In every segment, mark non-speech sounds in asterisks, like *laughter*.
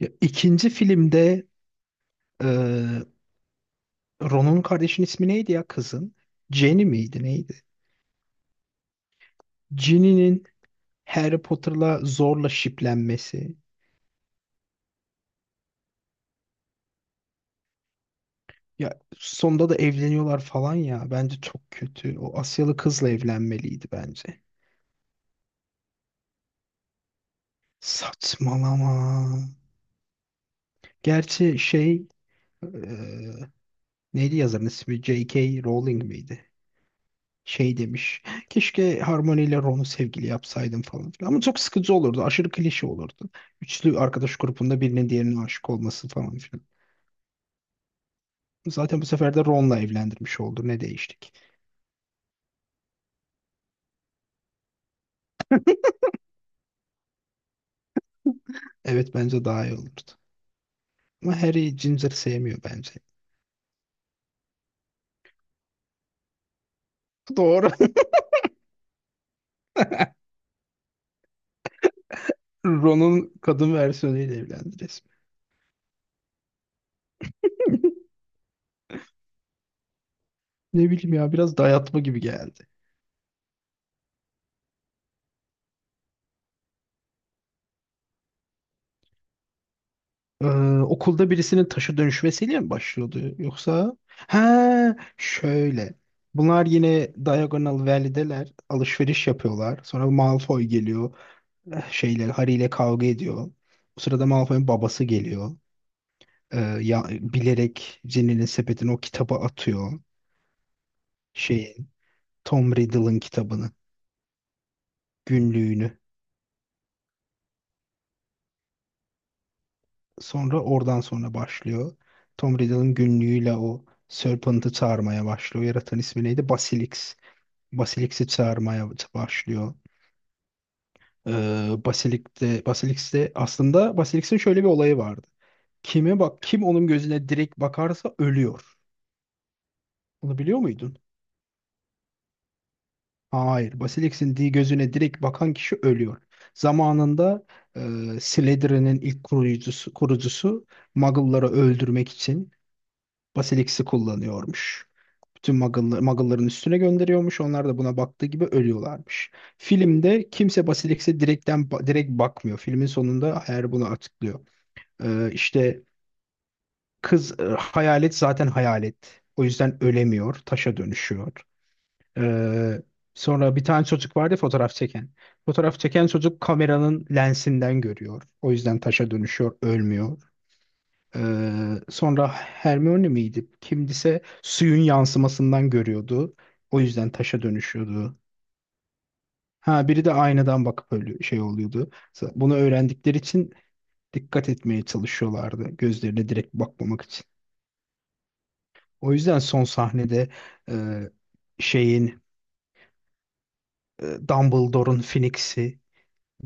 Ya, ikinci filmde e, Ron'un kardeşinin ismi neydi ya kızın? Jenny miydi neydi? Jenny'nin Harry Potter'la zorla şiplenmesi. Ya sonunda da evleniyorlar falan ya. Bence çok kötü. O Asyalı kızla evlenmeliydi bence. Saçmalama. Gerçi şey e, neydi yazarın ismi? J.K. Rowling miydi? Şey demiş. Keşke Harmony ile Ron'u sevgili yapsaydım falan filan. Ama çok sıkıcı olurdu. Aşırı klişe olurdu. Üçlü arkadaş grubunda birinin diğerine aşık olması falan filan. Zaten bu sefer de Ron'la evlendirmiş oldu. Ne değiştik? Evet, bence daha iyi olurdu. Ama Harry Ginger sevmiyor bence. Doğru. *laughs* Ron'un kadın versiyonuyla evlendi resmen. Ne bileyim ya, biraz dayatma gibi geldi. Ee, okulda birisinin taşı dönüşmesiyle mi başlıyordu yoksa? Ha, şöyle. Bunlar yine Diagonal Valley'deler. Alışveriş yapıyorlar. Sonra Malfoy geliyor. Şeyler Harry ile kavga ediyor. O sırada Malfoy'un babası geliyor. Ya, bilerek Ginny'nin sepetini o kitaba atıyor. Şeyin Tom Riddle'ın kitabını, günlüğünü. Sonra oradan sonra başlıyor. Tom Riddle'ın günlüğüyle o Serpent'ı çağırmaya başlıyor. Yaratan ismi neydi? Basilisk. Basilisk'i çağırmaya başlıyor. Ee, Basilisk'te aslında Basilisk'in şöyle bir olayı vardı. Kime bak, kim onun gözüne direkt bakarsa ölüyor. Bunu biliyor muydun? Hayır. Basilisk'in gözüne direkt bakan kişi ölüyor. Zamanında Slytherin'in ilk kurucusu Muggle'ları öldürmek için Basilisk'i kullanıyormuş. Tüm Muggle'ların üstüne gönderiyormuş. Onlar da buna baktığı gibi ölüyorlarmış. Filmde kimse Basilisk'e direkten direkt bakmıyor. Filmin sonunda eğer bunu açıklıyor. İşte kız, hayalet zaten hayalet. O yüzden ölemiyor. Taşa dönüşüyor. Ee, sonra bir tane çocuk vardı ya, fotoğraf çeken. Fotoğraf çeken çocuk kameranın lensinden görüyor. O yüzden taşa dönüşüyor, ölmüyor. Sonra Hermione miydi? Kimdise suyun yansımasından görüyordu. O yüzden taşa dönüşüyordu. Ha, biri de aynadan bakıp öyle şey oluyordu. Bunu öğrendikleri için dikkat etmeye çalışıyorlardı. Gözlerine direkt bakmamak için. O yüzden son sahnede e, şeyin Dumbledore'un Phoenix'i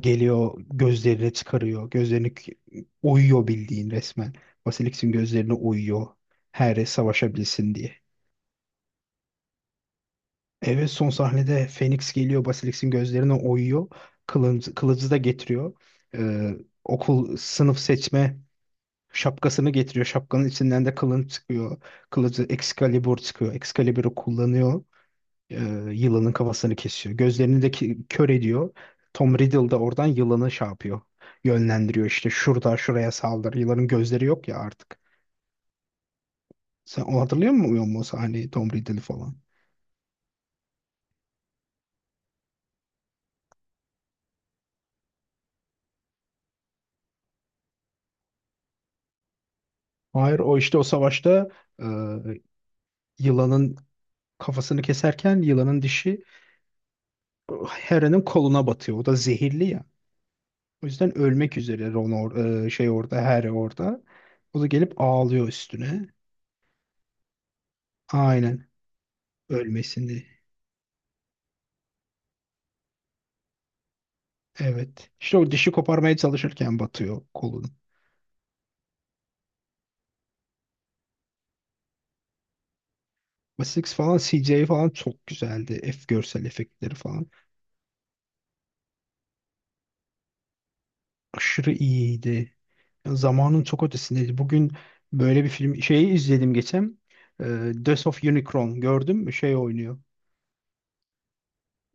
geliyor, gözlerini çıkarıyor. Gözlerini oyuyor bildiğin resmen. Basilisk'in gözlerini oyuyor. Harry savaşabilsin diye. Evet, son sahnede Phoenix geliyor, Basilisk'in gözlerine oyuyor. Kılıcı da getiriyor. Ee, okul sınıf seçme şapkasını getiriyor. Şapkanın içinden de kılın çıkıyor. Kılıcı Excalibur çıkıyor. Excalibur'u kullanıyor. Ee, yılanın kafasını kesiyor. Gözlerini de kör ediyor. Tom Riddle da oradan yılanı şey yapıyor. Yönlendiriyor işte, şurada şuraya saldır. Yılanın gözleri yok ya artık. Sen o hatırlıyor musun, o sahneyi Tom Riddle falan? Hayır, o işte o savaşta e, yılanın kafasını keserken yılanın dişi Hera'nın koluna batıyor. O da zehirli ya. O yüzden ölmek üzere Ron, şey orada, Hera orada. O da gelip ağlıyor üstüne. Aynen. Ölmesini. Evet. İşte o dişi koparmaya çalışırken batıyor kolun. Wessex falan, CJ falan çok güzeldi. F görsel efektleri falan. Aşırı iyiydi. Ya zamanın çok ötesindeydi. Bugün böyle bir film şeyi izledim geçen. E, Death of Unicron gördüm mü? Şey oynuyor.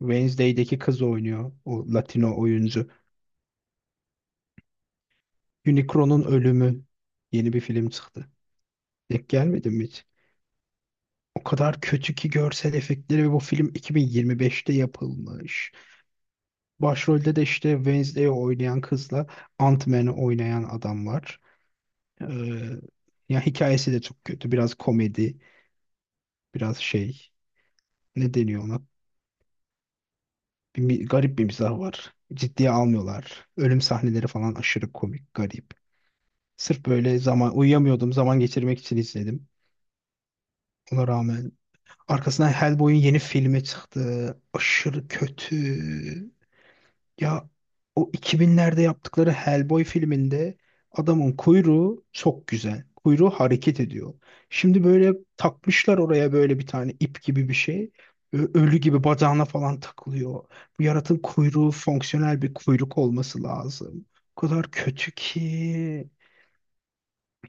Wednesday'deki kız oynuyor. O Latino oyuncu. Unicron'un ölümü, yeni bir film çıktı. Denk gelmedi mi hiç? O kadar kötü ki görsel efektleri, ve bu film 2025'te yapılmış. Başrolde de işte Wednesday'i oynayan kızla Ant-Man'i oynayan adam var. Ee, ya hikayesi de çok kötü. Biraz komedi, biraz şey, ne deniyor ona? Garip bir mizah var. Ciddiye almıyorlar. Ölüm sahneleri falan aşırı komik, garip. Sırf böyle zaman uyuyamıyordum. Zaman geçirmek için izledim. Ona rağmen arkasından Hellboy'un yeni filmi çıktı. Aşırı kötü. Ya o 2000'lerde yaptıkları Hellboy filminde adamın kuyruğu çok güzel. Kuyruğu hareket ediyor. Şimdi böyle takmışlar oraya böyle bir tane ip gibi bir şey. Ölü gibi bacağına falan takılıyor. Bu yaratığın kuyruğu fonksiyonel bir kuyruk olması lazım. O kadar kötü ki.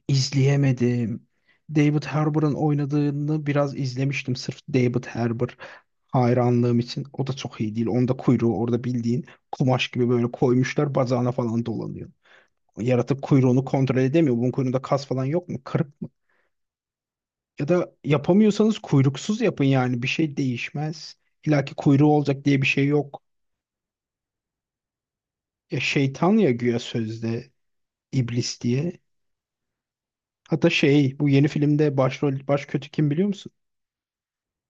İzleyemedim. David Harbour'ın oynadığını biraz izlemiştim sırf David Harbour hayranlığım için. O da çok iyi değil. Onda kuyruğu orada bildiğin kumaş gibi böyle koymuşlar, bacağına falan dolanıyor. Yaratık kuyruğunu kontrol edemiyor. Bunun kuyruğunda kas falan yok mu? Kırık mı? Ya da yapamıyorsanız kuyruksuz yapın yani. Bir şey değişmez. İlla ki kuyruğu olacak diye bir şey yok. Ya şeytan ya güya, sözde iblis diye. Hatta şey, bu yeni filmde başrol baş kötü kim biliyor musun?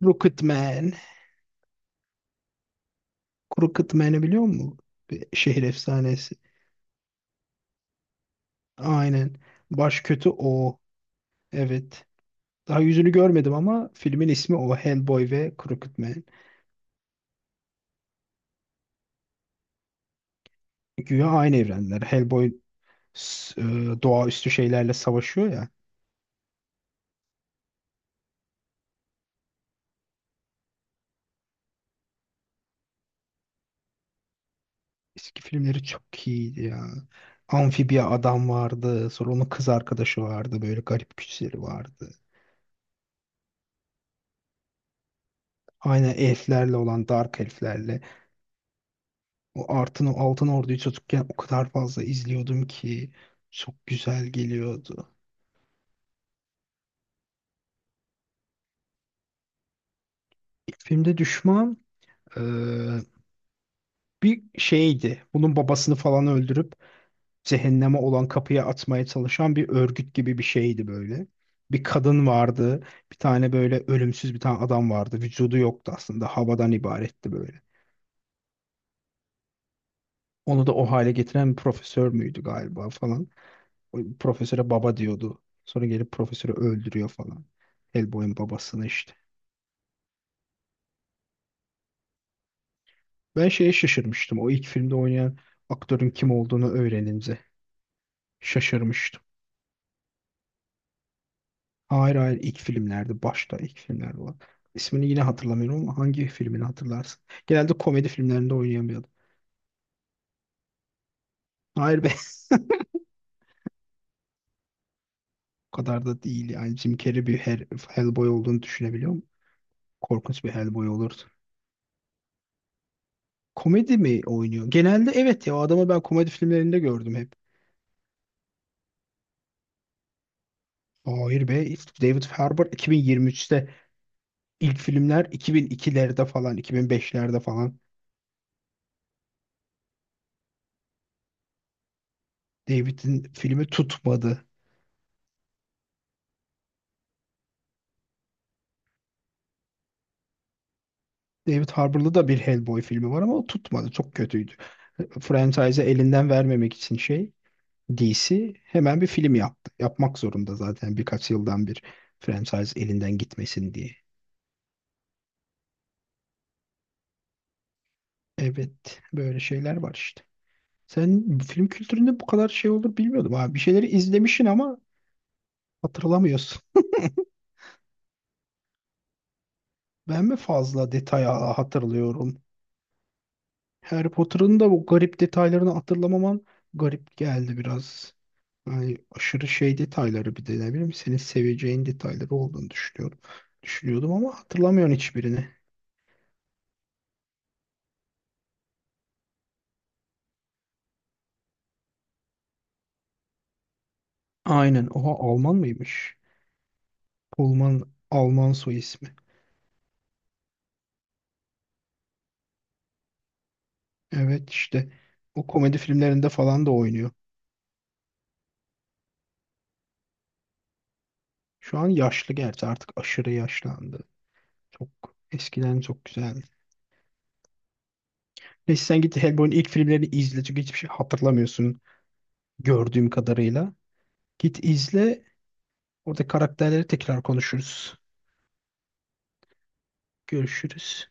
Rocketman. Kuru kıtmeni biliyor musun? Bir şehir efsanesi. Aynen. Baş kötü o. Evet. Daha yüzünü görmedim ama filmin ismi o. Hellboy ve Crooked Man. Güya aynı evrenler. Hellboy s- e, doğaüstü şeylerle savaşıyor ya. Eski filmleri çok iyiydi ya. Amfibiya adam vardı. Sonra onun kız arkadaşı vardı. Böyle garip güçleri vardı. Aynen, elflerle olan, dark elflerle. O Altın Ordu'yu çocukken o kadar fazla izliyordum ki. Çok güzel geliyordu. Filmde düşman e, bir şeydi. Bunun babasını falan öldürüp cehenneme olan kapıya atmaya çalışan bir örgüt gibi bir şeydi böyle. Bir kadın vardı. Bir tane böyle ölümsüz bir tane adam vardı. Vücudu yoktu aslında. Havadan ibaretti böyle. Onu da o hale getiren bir profesör müydü galiba falan. O profesöre baba diyordu. Sonra gelip profesörü öldürüyor falan. Hellboy'un babasını işte. Ben şeye şaşırmıştım. O ilk filmde oynayan aktörün kim olduğunu öğrenince şaşırmıştım. Hayır, hayır, ilk filmlerde, başta, ilk filmlerde olan. İsmini yine hatırlamıyorum ama hangi filmini hatırlarsın? Genelde komedi filmlerinde oynayan bir adam. Hayır be. *laughs* O kadar da değil yani, Jim Carrey bir Hellboy olduğunu düşünebiliyor musun? Korkunç bir Hellboy olurdu. Komedi mi oynuyor? Genelde evet ya, o adamı ben komedi filmlerinde gördüm hep. Hayır be, David Harbour 2023'te, ilk filmler 2002'lerde falan, 2005'lerde falan. David'in filmi tutmadı. David Harbour'da da bir Hellboy filmi var ama o tutmadı. Çok kötüydü. Franchise'ı elinden vermemek için şey, DC hemen bir film yaptı. Yapmak zorunda zaten, birkaç yıldan bir franchise elinden gitmesin diye. Evet, böyle şeyler var işte. Sen film kültüründe bu kadar şey olur bilmiyordum abi. Bir şeyleri izlemişsin ama hatırlamıyorsun. Ben mi fazla detaya hatırlıyorum? Harry Potter'ın da bu garip detaylarını hatırlamaman garip geldi biraz. Yani aşırı şey detayları, bir de ne bileyim, senin seveceğin detayları olduğunu düşünüyorum. Düşünüyordum ama hatırlamıyorum hiçbirini. Aynen. Oha, Alman mıymış? Pullman, Alman soy ismi. Evet işte o komedi filmlerinde falan da oynuyor. Şu an yaşlı gerçi, artık aşırı yaşlandı. Çok eskiden çok güzeldi. Neyse, sen git Hellboy'un ilk filmlerini izle, çünkü hiçbir şey hatırlamıyorsun gördüğüm kadarıyla. Git izle. Orada karakterleri tekrar konuşuruz. Görüşürüz.